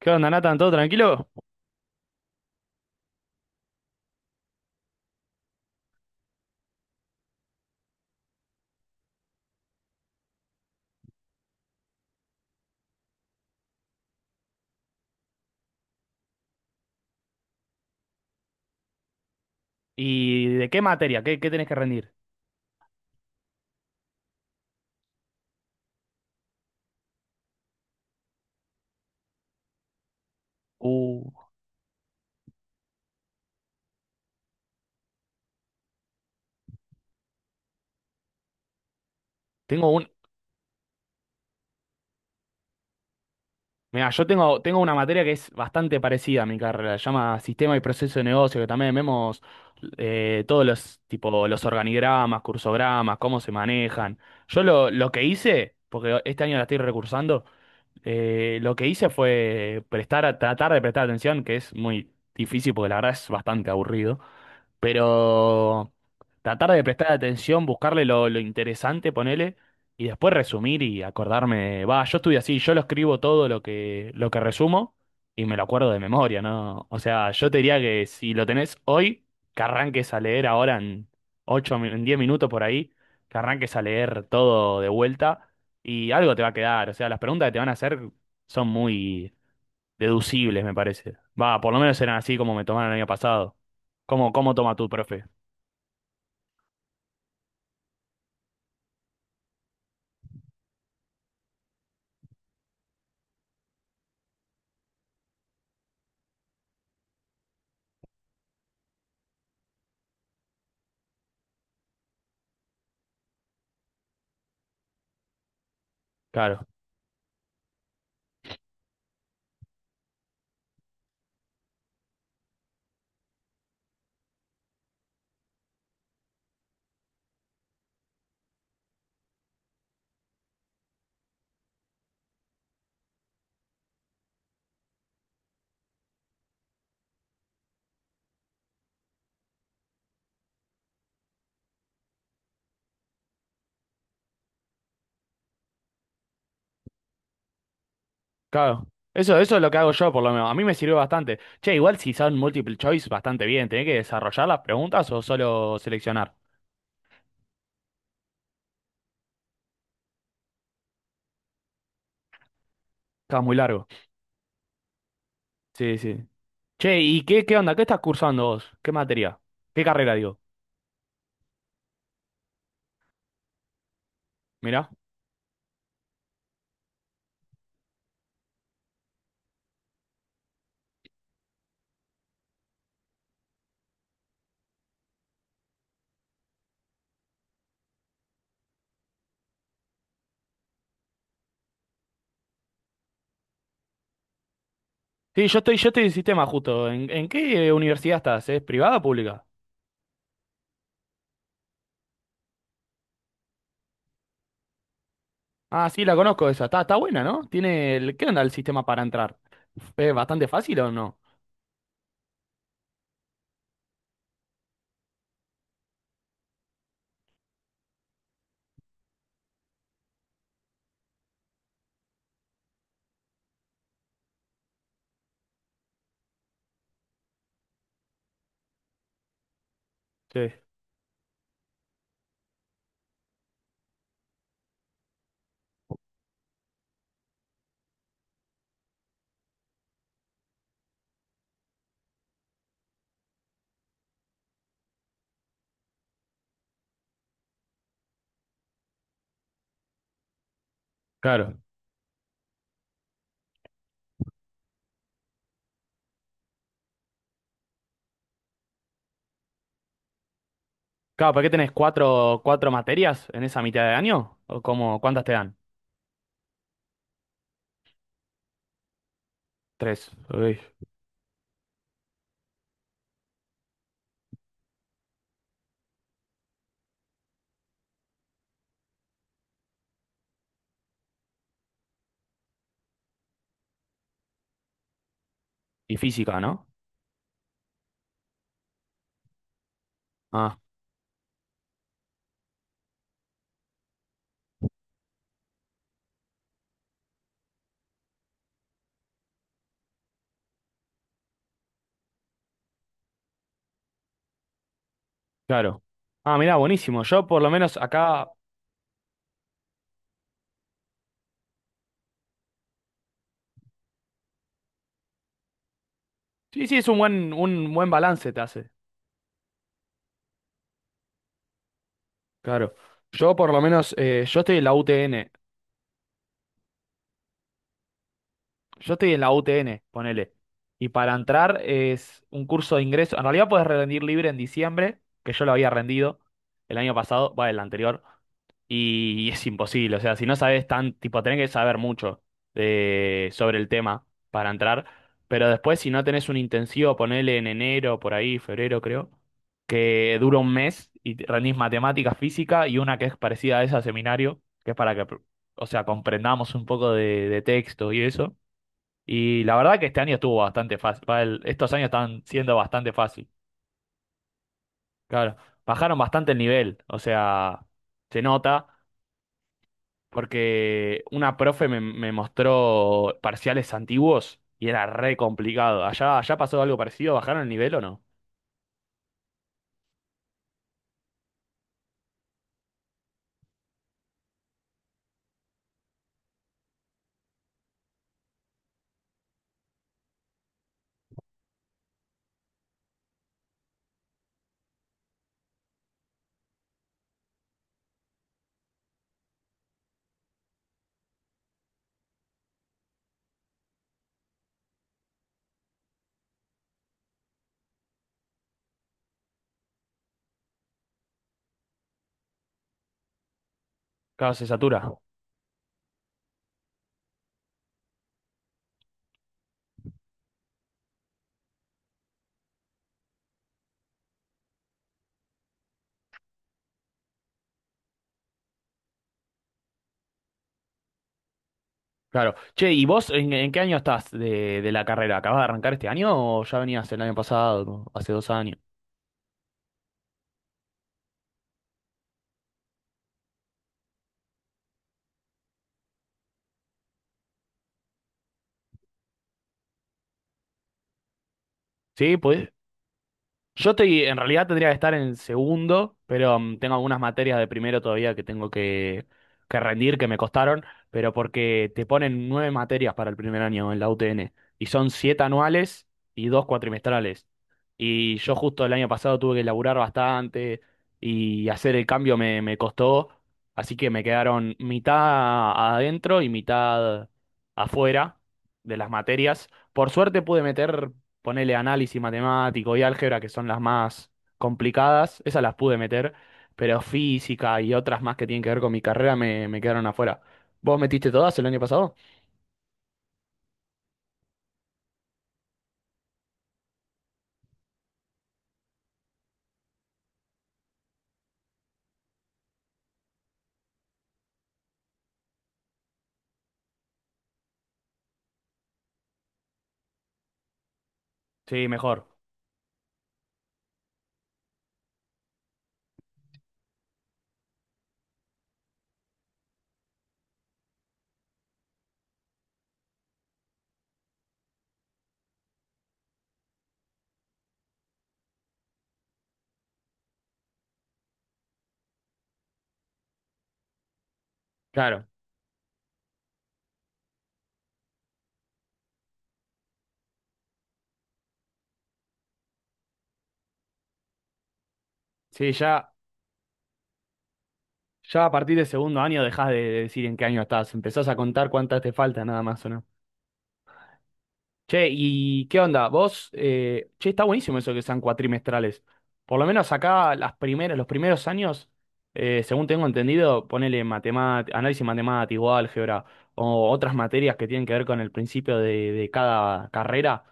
¿Qué onda, Nathan? ¿Todo tranquilo? ¿Y de qué materia? ¿Qué tenés que rendir? Uh, tengo un... Mira, yo tengo una materia que es bastante parecida a mi carrera. Se llama Sistema y Proceso de Negocio, que también vemos todos los, tipo, los organigramas, cursogramas, cómo se manejan. Yo lo que hice, porque este año la estoy recursando, lo que hice fue tratar de prestar atención, que es muy difícil porque la verdad es bastante aburrido. Pero tratar de prestar atención, buscarle lo interesante, ponele, y después resumir y acordarme. Va, yo estuve así, yo lo escribo todo lo que resumo y me lo acuerdo de memoria, ¿no? O sea, yo te diría que si lo tenés hoy, que arranques a leer ahora en en 10 minutos por ahí, que arranques a leer todo de vuelta y algo te va a quedar. O sea, las preguntas que te van a hacer son muy deducibles, me parece. Va, por lo menos eran así como me tomaron el año pasado. ¿¿Cómo toma tu profe? Claro, claro. Eso es lo que hago yo, por lo menos. A mí me sirvió bastante. Che, igual si son multiple choice, bastante bien. ¿Tenés que desarrollar las preguntas o solo seleccionar? Está muy largo. Sí, sí. Che, ¿y qué onda? ¿Qué estás cursando vos? ¿Qué materia? ¿Qué carrera, digo? Mirá. Sí, yo estoy en sistema justo. ¿En qué universidad estás? ¿Es privada o pública? Ah, sí, la conozco esa. Está, está buena, ¿no? Tiene el... ¿Qué onda el sistema para entrar? ¿Es bastante fácil o no? Sí, claro. Claro, ¿para qué tenés cuatro materias en esa mitad de año? ¿O cómo, cuántas te dan? Tres. Uy. Y física, ¿no? Ah, claro. Ah, mirá, buenísimo. Yo por lo menos acá... Sí, sí, es un buen balance te hace. Claro. Yo por lo menos, yo estoy en la UTN. Yo estoy en la UTN, ponele. Y para entrar es un curso de ingreso. En realidad puedes rendir libre en diciembre, que yo lo había rendido el año pasado, va, el anterior. Y es imposible, o sea, si no sabes tan, tipo, tenés que saber mucho de, sobre el tema para entrar, pero después si no tenés un intensivo, ponele en enero, por ahí, febrero creo, que dura un mes y rendís matemática, física y una que es parecida a esa seminario, que es para que, o sea, comprendamos un poco de texto y eso, y la verdad que este año estuvo bastante fácil. Estos años están siendo bastante fácil. Claro, bajaron bastante el nivel. O sea, se nota porque una profe me mostró parciales antiguos y era re complicado. ¿Allá pasó algo parecido? ¿Bajaron el nivel o no? Claro, se satura. Claro. Che, ¿y vos en qué año estás de la carrera? ¿Acabas de arrancar este año o ya venías el año pasado, hace dos años? Sí, pues yo estoy, en realidad tendría que estar en segundo, pero mm, tengo algunas materias de primero todavía que tengo que rendir, que me costaron, pero porque te ponen nueve materias para el primer año en la UTN, y son siete anuales y dos cuatrimestrales. Y yo justo el año pasado tuve que laburar bastante y hacer el cambio me costó, así que me quedaron mitad adentro y mitad afuera de las materias. Por suerte pude meter ponele análisis matemático y álgebra, que son las más complicadas, esas las pude meter, pero física y otras más que tienen que ver con mi carrera me quedaron afuera. ¿Vos metiste todas el año pasado? Sí, mejor, claro. Sí, ya, ya a partir del segundo año dejás de decir en qué año estás, empezás a contar cuántas te faltan nada más, ¿o no? Che, ¿y qué onda? Vos, che, está buenísimo eso que sean cuatrimestrales. Por lo menos acá las primeras, los primeros años, según tengo entendido, ponele matemática, análisis matemático, álgebra o otras materias que tienen que ver con el principio de cada carrera,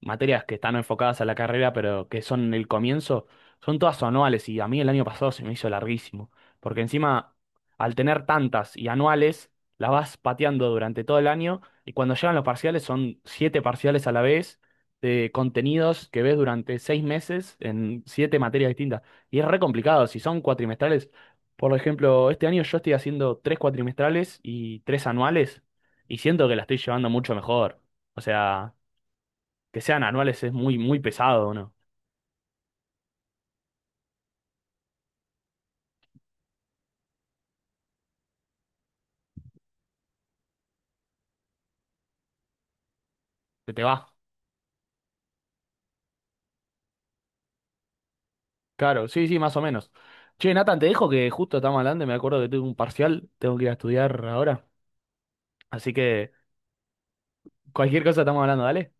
materias que están enfocadas a la carrera pero que son el comienzo, son todas anuales y a mí el año pasado se me hizo larguísimo, porque encima al tener tantas y anuales, las vas pateando durante todo el año y cuando llegan los parciales, son siete parciales a la vez de contenidos que ves durante seis meses en siete materias distintas. Y es re complicado, si son cuatrimestrales. Por ejemplo, este año yo estoy haciendo tres cuatrimestrales y tres anuales, y siento que la estoy llevando mucho mejor. O sea, que sean anuales es muy, muy pesado, ¿no? Se te va. Claro, sí, sí, más o menos. Che, Nathan, te dejo que justo estamos hablando y me acuerdo que tengo un parcial, tengo que ir a estudiar ahora. Así que cualquier cosa estamos hablando, dale.